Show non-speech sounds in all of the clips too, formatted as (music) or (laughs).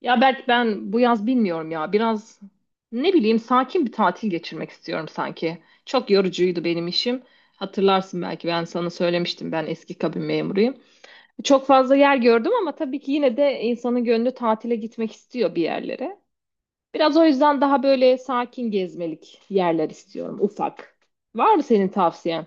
Ya Berk, ben bu yaz bilmiyorum ya. Biraz, ne bileyim, sakin bir tatil geçirmek istiyorum sanki. Çok yorucuydu benim işim. Hatırlarsın belki, ben sana söylemiştim, ben eski kabin memuruyum. Çok fazla yer gördüm ama tabii ki yine de insanın gönlü tatile gitmek istiyor bir yerlere. Biraz o yüzden daha böyle sakin gezmelik yerler istiyorum, ufak. Var mı senin tavsiyen?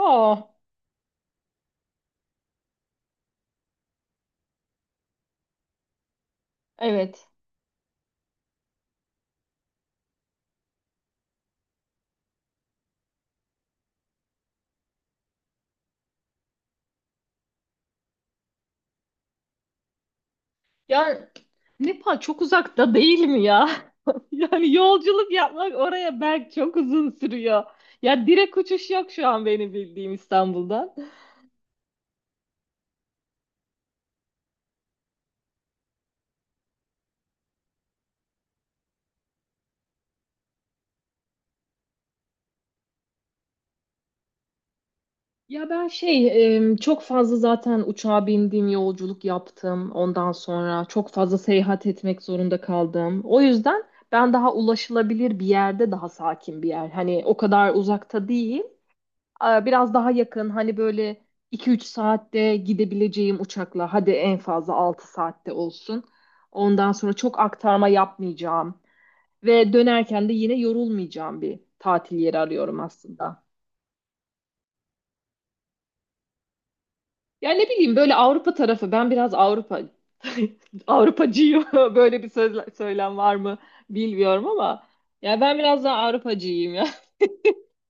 Aa, evet. Ya Nepal çok uzakta değil mi ya? (laughs) Yani yolculuk yapmak oraya belki çok uzun sürüyor. Ya direkt uçuş yok şu an benim bildiğim, İstanbul'dan. Ya ben şey, çok fazla zaten uçağa bindim, yolculuk yaptım. Ondan sonra çok fazla seyahat etmek zorunda kaldım. O yüzden ben daha ulaşılabilir bir yerde, daha sakin bir yer. Hani o kadar uzakta değil. Biraz daha yakın, hani böyle 2-3 saatte gidebileceğim uçakla, hadi en fazla 6 saatte olsun. Ondan sonra çok aktarma yapmayacağım ve dönerken de yine yorulmayacağım bir tatil yeri arıyorum aslında. Yani ne bileyim, böyle Avrupa tarafı, ben biraz Avrupa (laughs) Avrupacıyım (laughs) böyle bir söz, söylem var mı bilmiyorum ama, ya ben biraz daha Avrupacıyım ya. (laughs)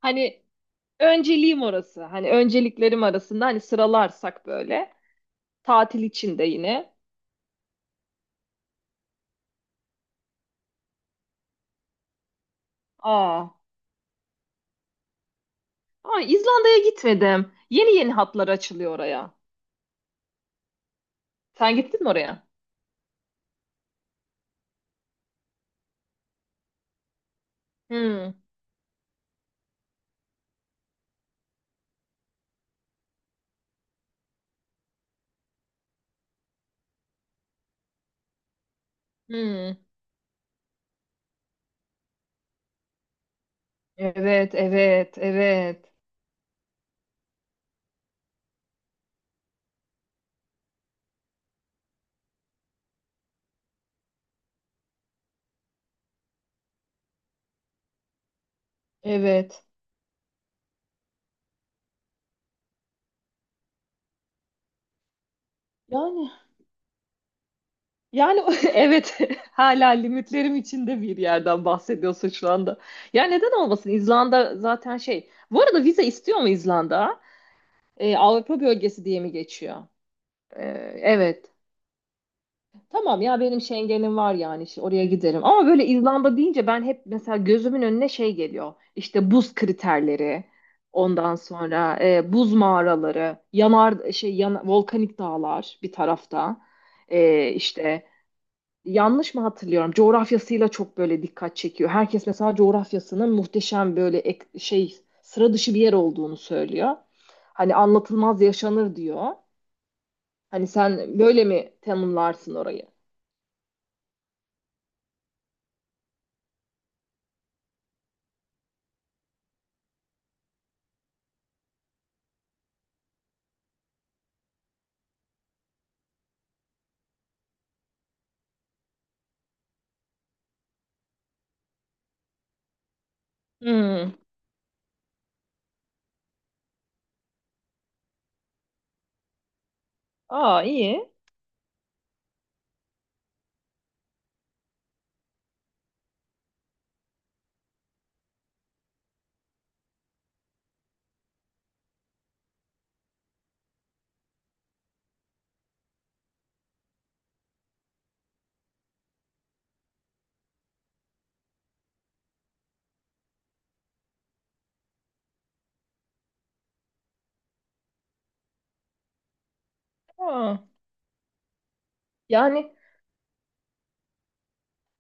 Hani önceliğim orası. Hani önceliklerim arasında, hani sıralarsak böyle, tatil için de yine. Aa, aa, İzlanda'ya gitmedim. Yeni yeni hatlar açılıyor oraya. Sen gittin mi oraya? Hmm, hmm. Evet, evet, evet, evet. Yani, yani (laughs) evet. (laughs) Hala limitlerim içinde bir yerden bahsediyorsun şu anda. Ya, neden olmasın? İzlanda zaten şey. Bu arada vize istiyor mu İzlanda? Avrupa bölgesi diye mi geçiyor? Ee, evet. Tamam ya, benim Schengen'im var, yani işte oraya giderim. Ama böyle İzlanda deyince ben hep mesela gözümün önüne şey geliyor. İşte buz kriterleri, ondan sonra buz mağaraları, yanar şey yan, volkanik dağlar bir tarafta. İşte yanlış mı hatırlıyorum? Coğrafyasıyla çok böyle dikkat çekiyor. Herkes mesela coğrafyasının muhteşem, böyle şey, sıra dışı bir yer olduğunu söylüyor. Hani anlatılmaz yaşanır diyor. Hani sen böyle mi tanımlarsın orayı? Hmm. Aa, iyi. Aa. Yani,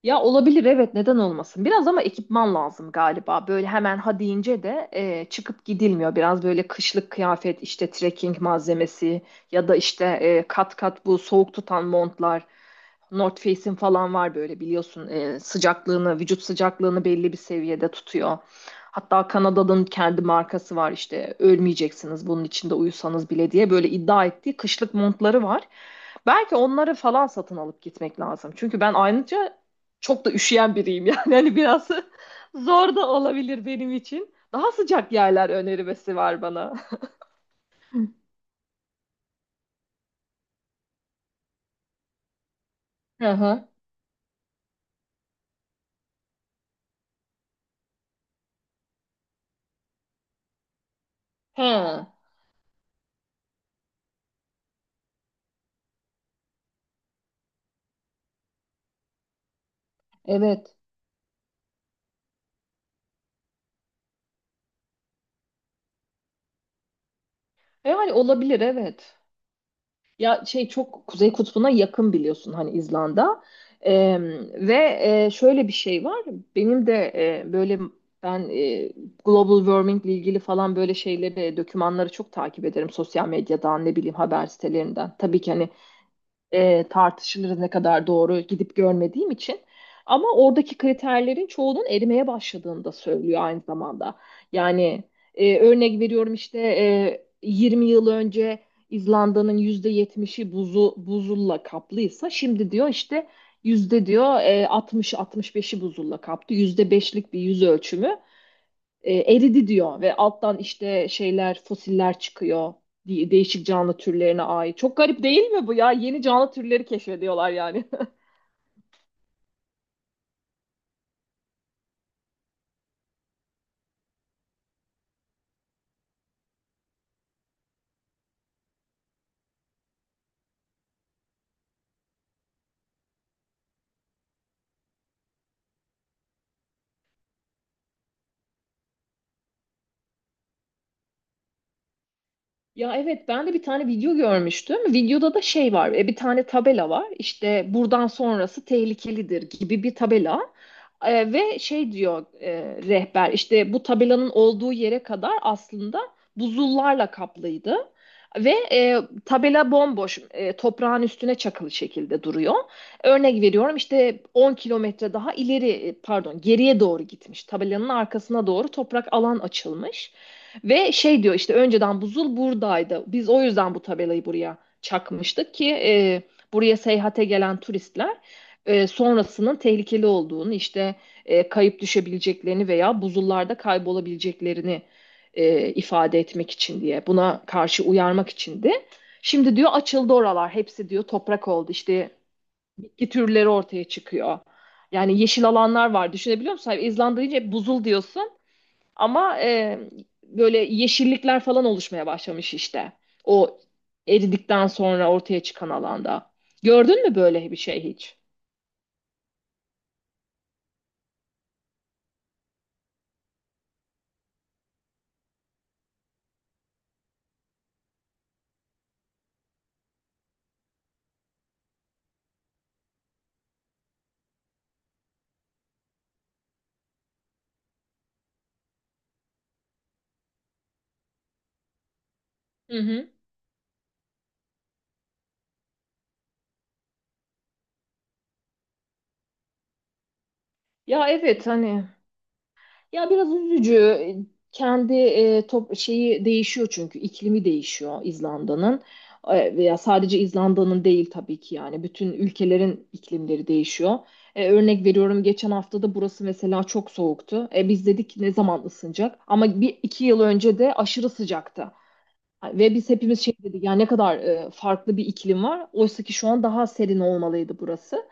ya, olabilir, evet, neden olmasın. Biraz ama ekipman lazım galiba. Böyle hemen ha deyince de çıkıp gidilmiyor. Biraz böyle kışlık kıyafet, işte trekking malzemesi ya da işte kat kat bu soğuk tutan montlar. North Face'in falan var böyle, biliyorsun, sıcaklığını, vücut sıcaklığını belli bir seviyede tutuyor. Hatta Kanada'nın kendi markası var işte, ölmeyeceksiniz bunun içinde uyusanız bile diye böyle iddia ettiği kışlık montları var. Belki onları falan satın alıp gitmek lazım. Çünkü ben ayrıca çok da üşüyen biriyim yani. (laughs) Hani biraz zor da olabilir benim için. Daha sıcak yerler önerilmesi var bana. Hı hı. Ha, evet. Hani olabilir, evet. Ya şey, çok Kuzey Kutbu'na yakın biliyorsun, hani, İzlanda. E, ve şöyle bir şey var. Benim de, böyle ben, global warming ile ilgili falan böyle şeyleri, dokümanları çok takip ederim, sosyal medyadan, ne bileyim, haber sitelerinden. Tabii ki hani, tartışılır ne kadar doğru, gidip görmediğim için. Ama oradaki kriterlerin çoğunun erimeye başladığını da söylüyor aynı zamanda. Yani, örnek veriyorum işte, 20 yıl önce İzlanda'nın %70'i buzu, buzulla kaplıysa, şimdi diyor işte yüzde diyor, 60-65'i buzulla kaplı. %5'lik bir yüz ölçümü eridi diyor, ve alttan işte şeyler, fosiller çıkıyor, değişik canlı türlerine ait. Çok garip değil mi bu ya? Yeni canlı türleri keşfediyorlar yani. Ya evet, ben de bir tane video görmüştüm. Videoda da şey var. Bir tane tabela var. İşte buradan sonrası tehlikelidir gibi bir tabela. Ve şey diyor, rehber işte, bu tabelanın olduğu yere kadar aslında buzullarla kaplıydı. Ve tabela bomboş, toprağın üstüne çakılı şekilde duruyor. Örnek veriyorum işte, 10 kilometre daha ileri, pardon, geriye doğru gitmiş. Tabelanın arkasına doğru toprak alan açılmış. Ve şey diyor işte, önceden buzul buradaydı. Biz o yüzden bu tabelayı buraya çakmıştık ki buraya seyahate gelen turistler, sonrasının tehlikeli olduğunu, işte kayıp düşebileceklerini veya buzullarda kaybolabileceklerini ifade etmek için diye, buna karşı uyarmak içindi. Şimdi diyor, açıldı oralar hepsi, diyor toprak oldu işte, bitki türleri ortaya çıkıyor. Yani yeşil alanlar var, düşünebiliyor musun? İzlanda deyince hep buzul diyorsun. Ama böyle yeşillikler falan oluşmaya başlamış işte. O eridikten sonra ortaya çıkan alanda. Gördün mü böyle bir şey hiç? Hı hı. Ya evet hani, ya biraz üzücü. Kendi top şeyi değişiyor, çünkü iklimi değişiyor İzlanda'nın. Veya sadece İzlanda'nın değil tabii ki, yani bütün ülkelerin iklimleri değişiyor. Örnek veriyorum, geçen hafta da burası mesela çok soğuktu. Biz dedik ki, ne zaman ısınacak? Ama 1-2 yıl önce de aşırı sıcaktı. Ve biz hepimiz şey dedik ya, ne kadar, farklı bir iklim var. Oysa ki şu an daha serin olmalıydı burası.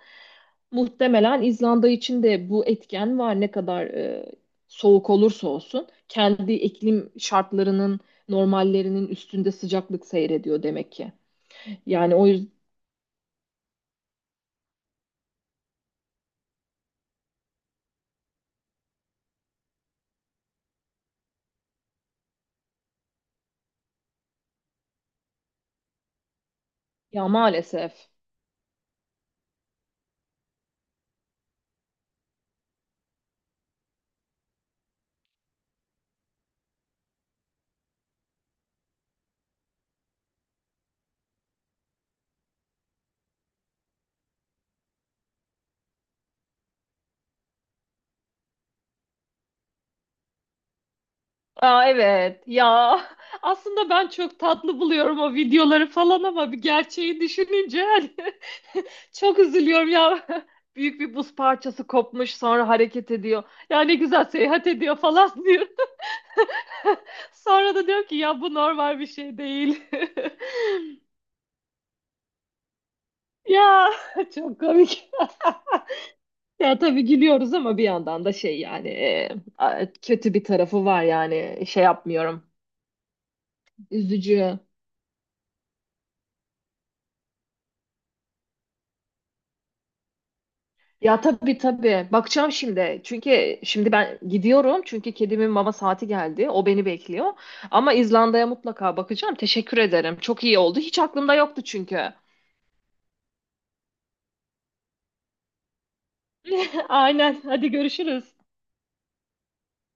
Muhtemelen İzlanda için de bu etken var. Ne kadar soğuk olursa olsun, kendi iklim şartlarının normallerinin üstünde sıcaklık seyrediyor demek ki. Yani o yüzden, ya, maalesef. Aa, evet ya, (laughs) aslında ben çok tatlı buluyorum o videoları falan, ama bir gerçeği düşününce, hani, (laughs) çok üzülüyorum ya. (laughs) Büyük bir buz parçası kopmuş, sonra hareket ediyor. Ya, ne güzel seyahat ediyor falan. (laughs) Sonra da diyor ki, ya bu normal bir şey değil. (laughs) Ya çok komik. (laughs) Ya tabii, gülüyoruz ama bir yandan da şey yani, kötü bir tarafı var yani, şey yapmıyorum. Üzücü. Ya tabii tabii, bakacağım şimdi. Çünkü şimdi ben gidiyorum, çünkü kedimin mama saati geldi. O beni bekliyor. Ama İzlanda'ya mutlaka bakacağım. Teşekkür ederim. Çok iyi oldu. Hiç aklımda yoktu çünkü. (laughs) Aynen. Hadi görüşürüz.